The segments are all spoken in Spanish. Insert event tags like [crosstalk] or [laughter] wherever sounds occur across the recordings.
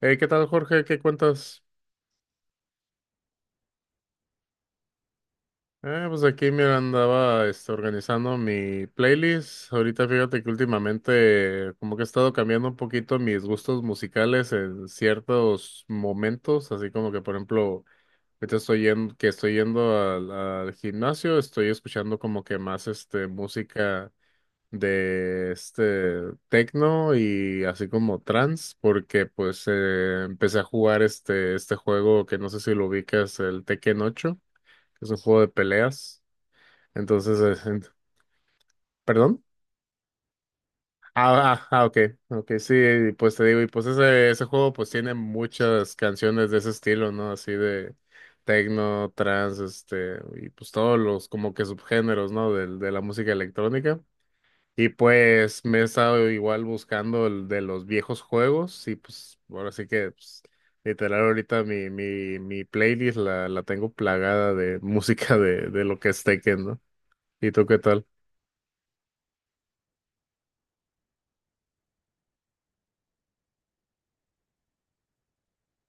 Hey, ¿qué tal, Jorge? ¿Qué cuentas? Pues aquí, mira, andaba organizando mi playlist. Ahorita fíjate que últimamente como que he estado cambiando un poquito mis gustos musicales en ciertos momentos, así como que, por ejemplo, ahorita estoy yendo al gimnasio, estoy escuchando como que más música de este techno y así como trance, porque pues empecé a jugar este juego que no sé si lo ubicas, el Tekken 8. Que es un juego de peleas. Entonces, ¿perdón? Ah, ah, ah, ok, ok, sí, y pues te digo, y pues ese juego pues tiene muchas canciones de ese estilo, ¿no? Así de techno, trance, y pues todos los como que subgéneros, ¿no? De la música electrónica. Y pues me he estado igual buscando el de los viejos juegos y pues ahora sí que pues, literal ahorita mi playlist la tengo plagada de [laughs] música de lo que es Tekken, ¿no? ¿Y tú qué tal?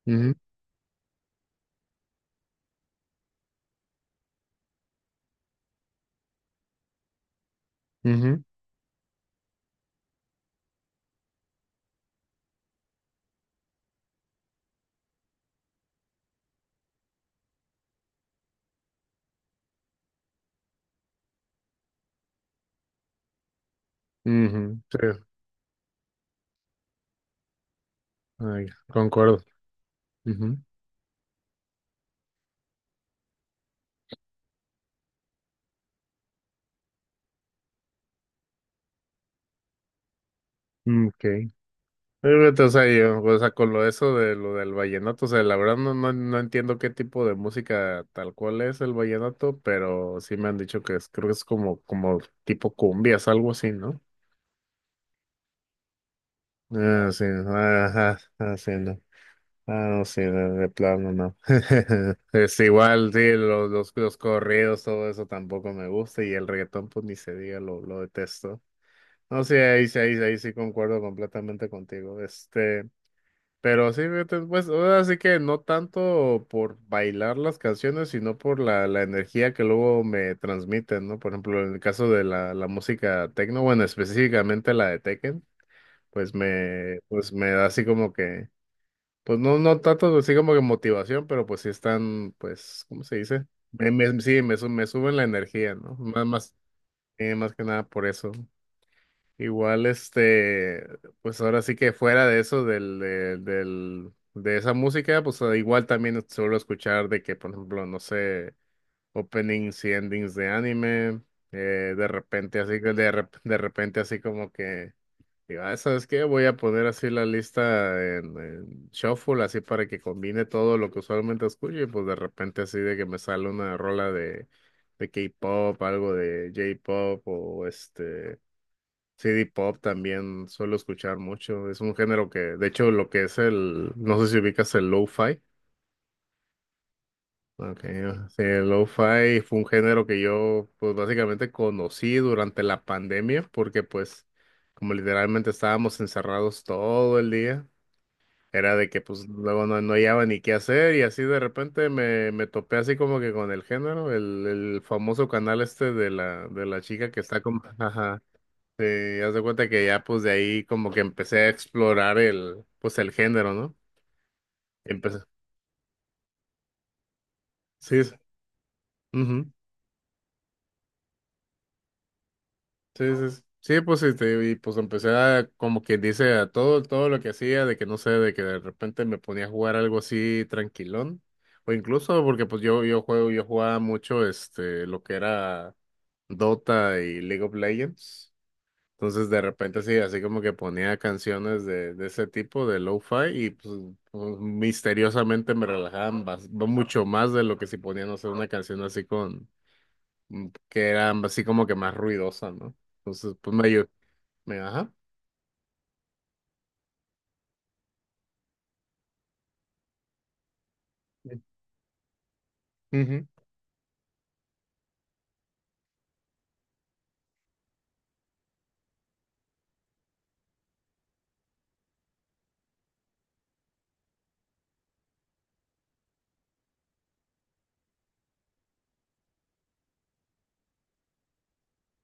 Ujú, ujú, ujú, sí, ay, concuerdo. Ujú, mm, ok. Fíjate, o sea, yo, o sea, con lo eso de lo del vallenato, o sea, la verdad no, no, no entiendo qué tipo de música tal cual es el vallenato, pero sí me han dicho que es, creo que es como tipo cumbias, algo así, ¿no? Ah, sí, ajá, ah, sí, no. Ah, no, sí, de plano no. [laughs] Es igual, sí, los corridos, todo eso tampoco me gusta, y el reggaetón, pues ni se diga, lo detesto. No sé, ahí sí, ahí, sí, ahí sí concuerdo completamente contigo. Pero sí, fíjate, pues, así que no tanto por bailar las canciones, sino por la energía que luego me transmiten, ¿no? Por ejemplo, en el caso de la música techno, bueno, específicamente la de Tekken, pues me da así como que, pues no, no tanto así como que motivación, pero pues sí están, pues, ¿cómo se dice? Sí, me suben la energía, ¿no? Más que nada por eso. Igual, pues ahora sí que fuera de eso, del, de esa música, pues igual también suelo escuchar de que, por ejemplo, no sé, openings y endings de anime, de repente así, de repente así como que, digo, "Ah, ¿sabes qué? Voy a poner así la lista en shuffle, así para que combine todo lo que usualmente escucho, y pues de repente así de que me sale una rola de K-pop, algo de J-pop o este CD Pop también suelo escuchar mucho. Es un género que, de hecho, lo que es el, no sé si ubicas el lo-fi. Okay. Sí, el lo-fi fue un género que yo, pues básicamente conocí durante la pandemia, porque pues, como literalmente estábamos encerrados todo el día, era de que pues luego no, no hallaba ni qué hacer y así de repente me topé así como que con el género, el famoso canal este de la chica que está como, ajá. Sí, haz de cuenta que ya pues de ahí como que empecé a explorar el género, ¿no? Empecé. Sí, sí, ujú, sí, sí, sí. Sí, pues y pues empecé a como quien dice a todo, lo que hacía, de que no sé, de que de repente me ponía a jugar algo así tranquilón. O incluso porque pues yo jugaba mucho lo que era Dota y League of Legends. Entonces de repente sí, así como que ponía canciones de ese tipo, de lo-fi, y misteriosamente me relajaban no mucho más de lo que si ponían, no sé, una canción así con, que era así como que más ruidosa, ¿no? Entonces pues me ayudó, ajá. Ujú.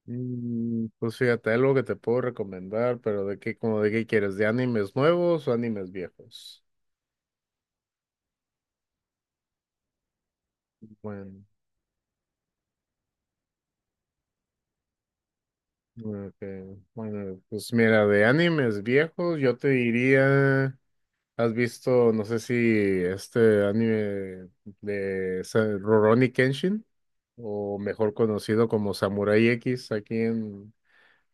Pues fíjate, algo que te puedo recomendar, pero de qué, como de qué quieres, ¿de animes nuevos o animes viejos? Bueno, ok, bueno, pues mira, de animes viejos yo te diría... ¿Has visto, no sé si este anime de Rurouni Kenshin, o mejor conocido como Samurai X aquí en,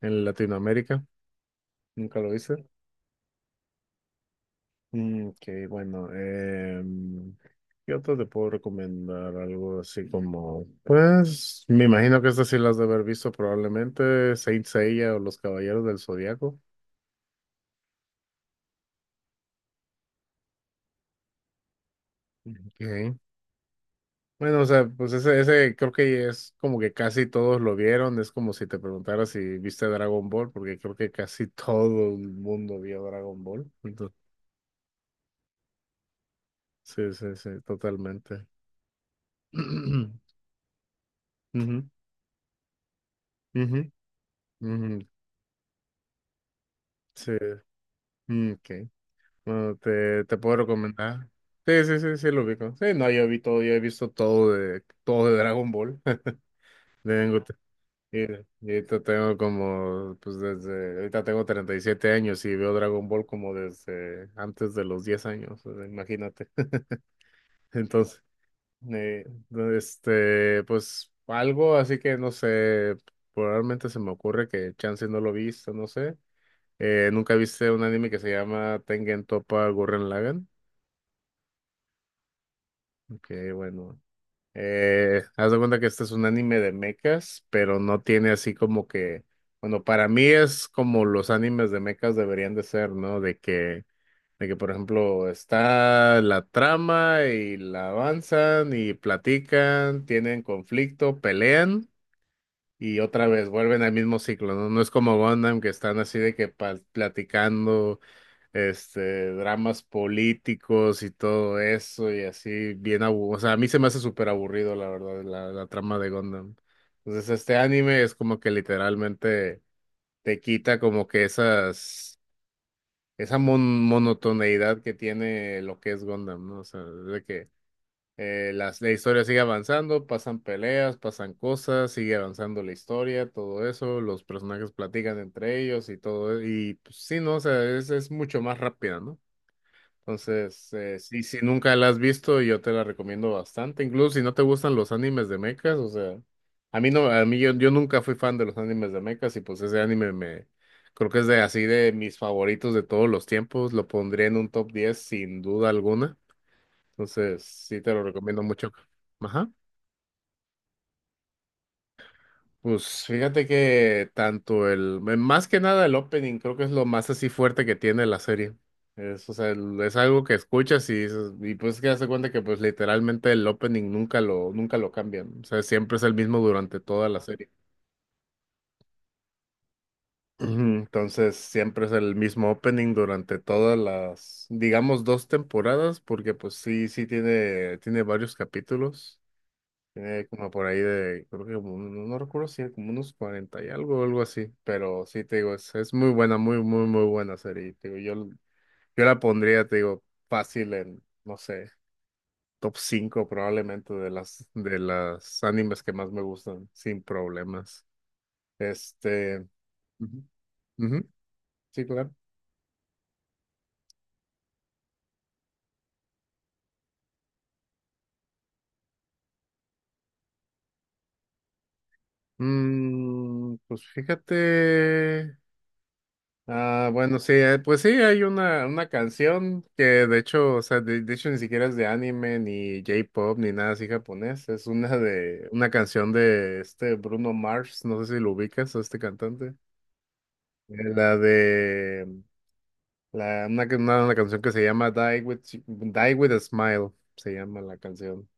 en Latinoamérica? ¿Nunca lo viste? Mm, ok, bueno, ¿qué otro te puedo recomendar? Algo así como, pues, me imagino que estas sí las de haber visto probablemente, Saint Seiya o Los Caballeros del Zodiaco. Ok. Bueno, o sea, pues ese creo que es como que casi todos lo vieron. Es como si te preguntara si viste Dragon Ball, porque creo que casi [laughs] todo el mundo vio Dragon Ball. Entonces, sí, sí, sí, totalmente. [clears throat] Ujú, ujú, ujú, sí, mm, ok. Bueno, te puedo recomendar. Sí, sí, sí, sí, lo ubico. Sí, no, yo vi todo, yo he visto todo de Dragon Ball. [laughs] Tengo. Y, y ahorita tengo como, pues desde, ahorita tengo 37 años y veo Dragon Ball como desde antes de los 10 años, o sea, imagínate. [laughs] Entonces, eh, pues algo así que no sé, probablemente se me ocurre que chance no lo viste, no sé. ¿Nunca viste un anime que se llama Tengen Toppa Gurren Lagann? Que bueno. Haz de cuenta que este es un anime de mechas, pero no tiene así como que, bueno, para mí es como los animes de mechas deberían de ser, ¿no? De que por ejemplo está la trama y la avanzan y platican, tienen conflicto, pelean y otra vez vuelven al mismo ciclo, ¿no? No es como Gundam que están así de que platicando dramas políticos y todo eso, y así, bien aburrido. O sea, a mí se me hace súper aburrido, la verdad, la trama de Gundam. Entonces, este anime es como que literalmente te quita como que esas, esa monotoneidad que tiene lo que es Gundam, ¿no? O sea, de que la historia sigue avanzando, pasan peleas, pasan cosas, sigue avanzando la historia, todo eso, los personajes platican entre ellos y todo, y pues sí, ¿no? O sea, es mucho más rápida, ¿no? Entonces, sí, si nunca la has visto, yo te la recomiendo bastante. Incluso si no te gustan los animes de mechas, o sea, a mí no, a mí yo nunca fui fan de los animes de mechas y pues ese anime me, creo que es de así de mis favoritos de todos los tiempos. Lo pondría en un top 10 sin duda alguna. Entonces, sí te lo recomiendo mucho. Ajá. Pues fíjate que tanto más que nada el opening, creo que es lo más así fuerte que tiene la serie. Es, o sea, es algo que escuchas y pues que hace cuenta que pues literalmente el opening nunca lo cambian. O sea, siempre es el mismo durante toda la serie. [clears throat] Ujú. Entonces, siempre es el mismo opening durante todas las, digamos, dos temporadas, porque pues sí, sí tiene varios capítulos. Tiene como por ahí de, creo que como, no, no recuerdo si era como unos 40 y algo así, pero sí, te digo, es muy buena, muy, muy, muy buena serie. Y te digo, yo, yo la pondría, te digo, fácil en, no sé, top 5 probablemente de las animes que más me gustan, sin problemas. Este, Ujú, ujú, sí, claro. Pues fíjate. Ah, bueno, sí, pues sí, hay una canción que de hecho, o sea, de hecho ni siquiera es de anime, ni J-pop, ni nada así japonés. Es una canción de este Bruno Mars, no sé si lo ubicas, a este cantante. La de, la, Una canción que se llama Die with a Smile, se llama la canción.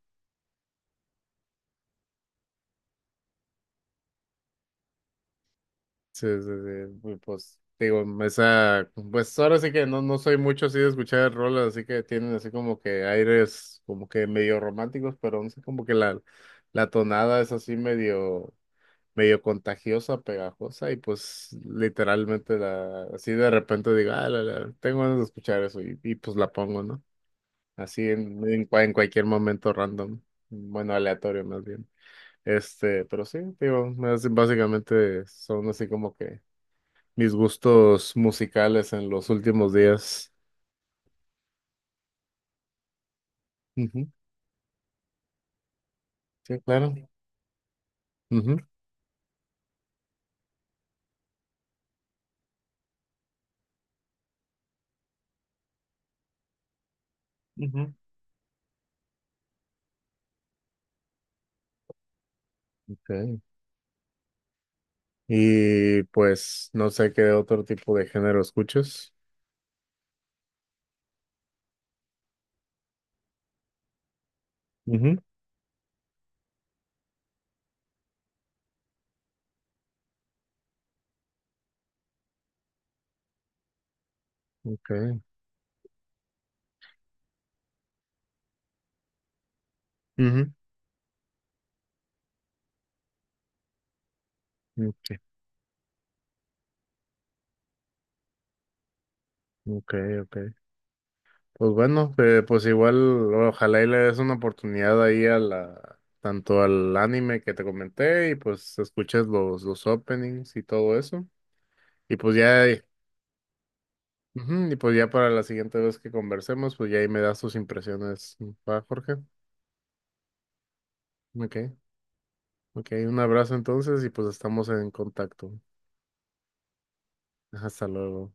Sí, sí, sí, pues digo, esa, pues ahora sí que no, no soy mucho así de escuchar rolas, así que tienen así como que aires como que medio románticos, pero no sé, como que la tonada es así medio, medio contagiosa, pegajosa, y pues literalmente la, así de repente digo, ah, tengo ganas de escuchar eso, y pues la pongo, ¿no? Así en cualquier momento random, bueno, aleatorio más bien. Pero sí, digo, básicamente son así como que mis gustos musicales en los últimos días. Ujú, sí, claro. Ujú, ujú. Ok. Y pues no sé qué otro tipo de género escuchas. Ujú, ok. Ujú, ok, ok, ok. Pues bueno, pues igual ojalá y le des una oportunidad ahí a tanto al anime que te comenté y pues escuches los openings y todo eso. Y pues ya. Ujú. Y pues ya para la siguiente vez que conversemos, pues ya ahí me das tus impresiones, ¿va, Jorge? Ok, ok, un abrazo entonces y pues estamos en contacto. Hasta luego.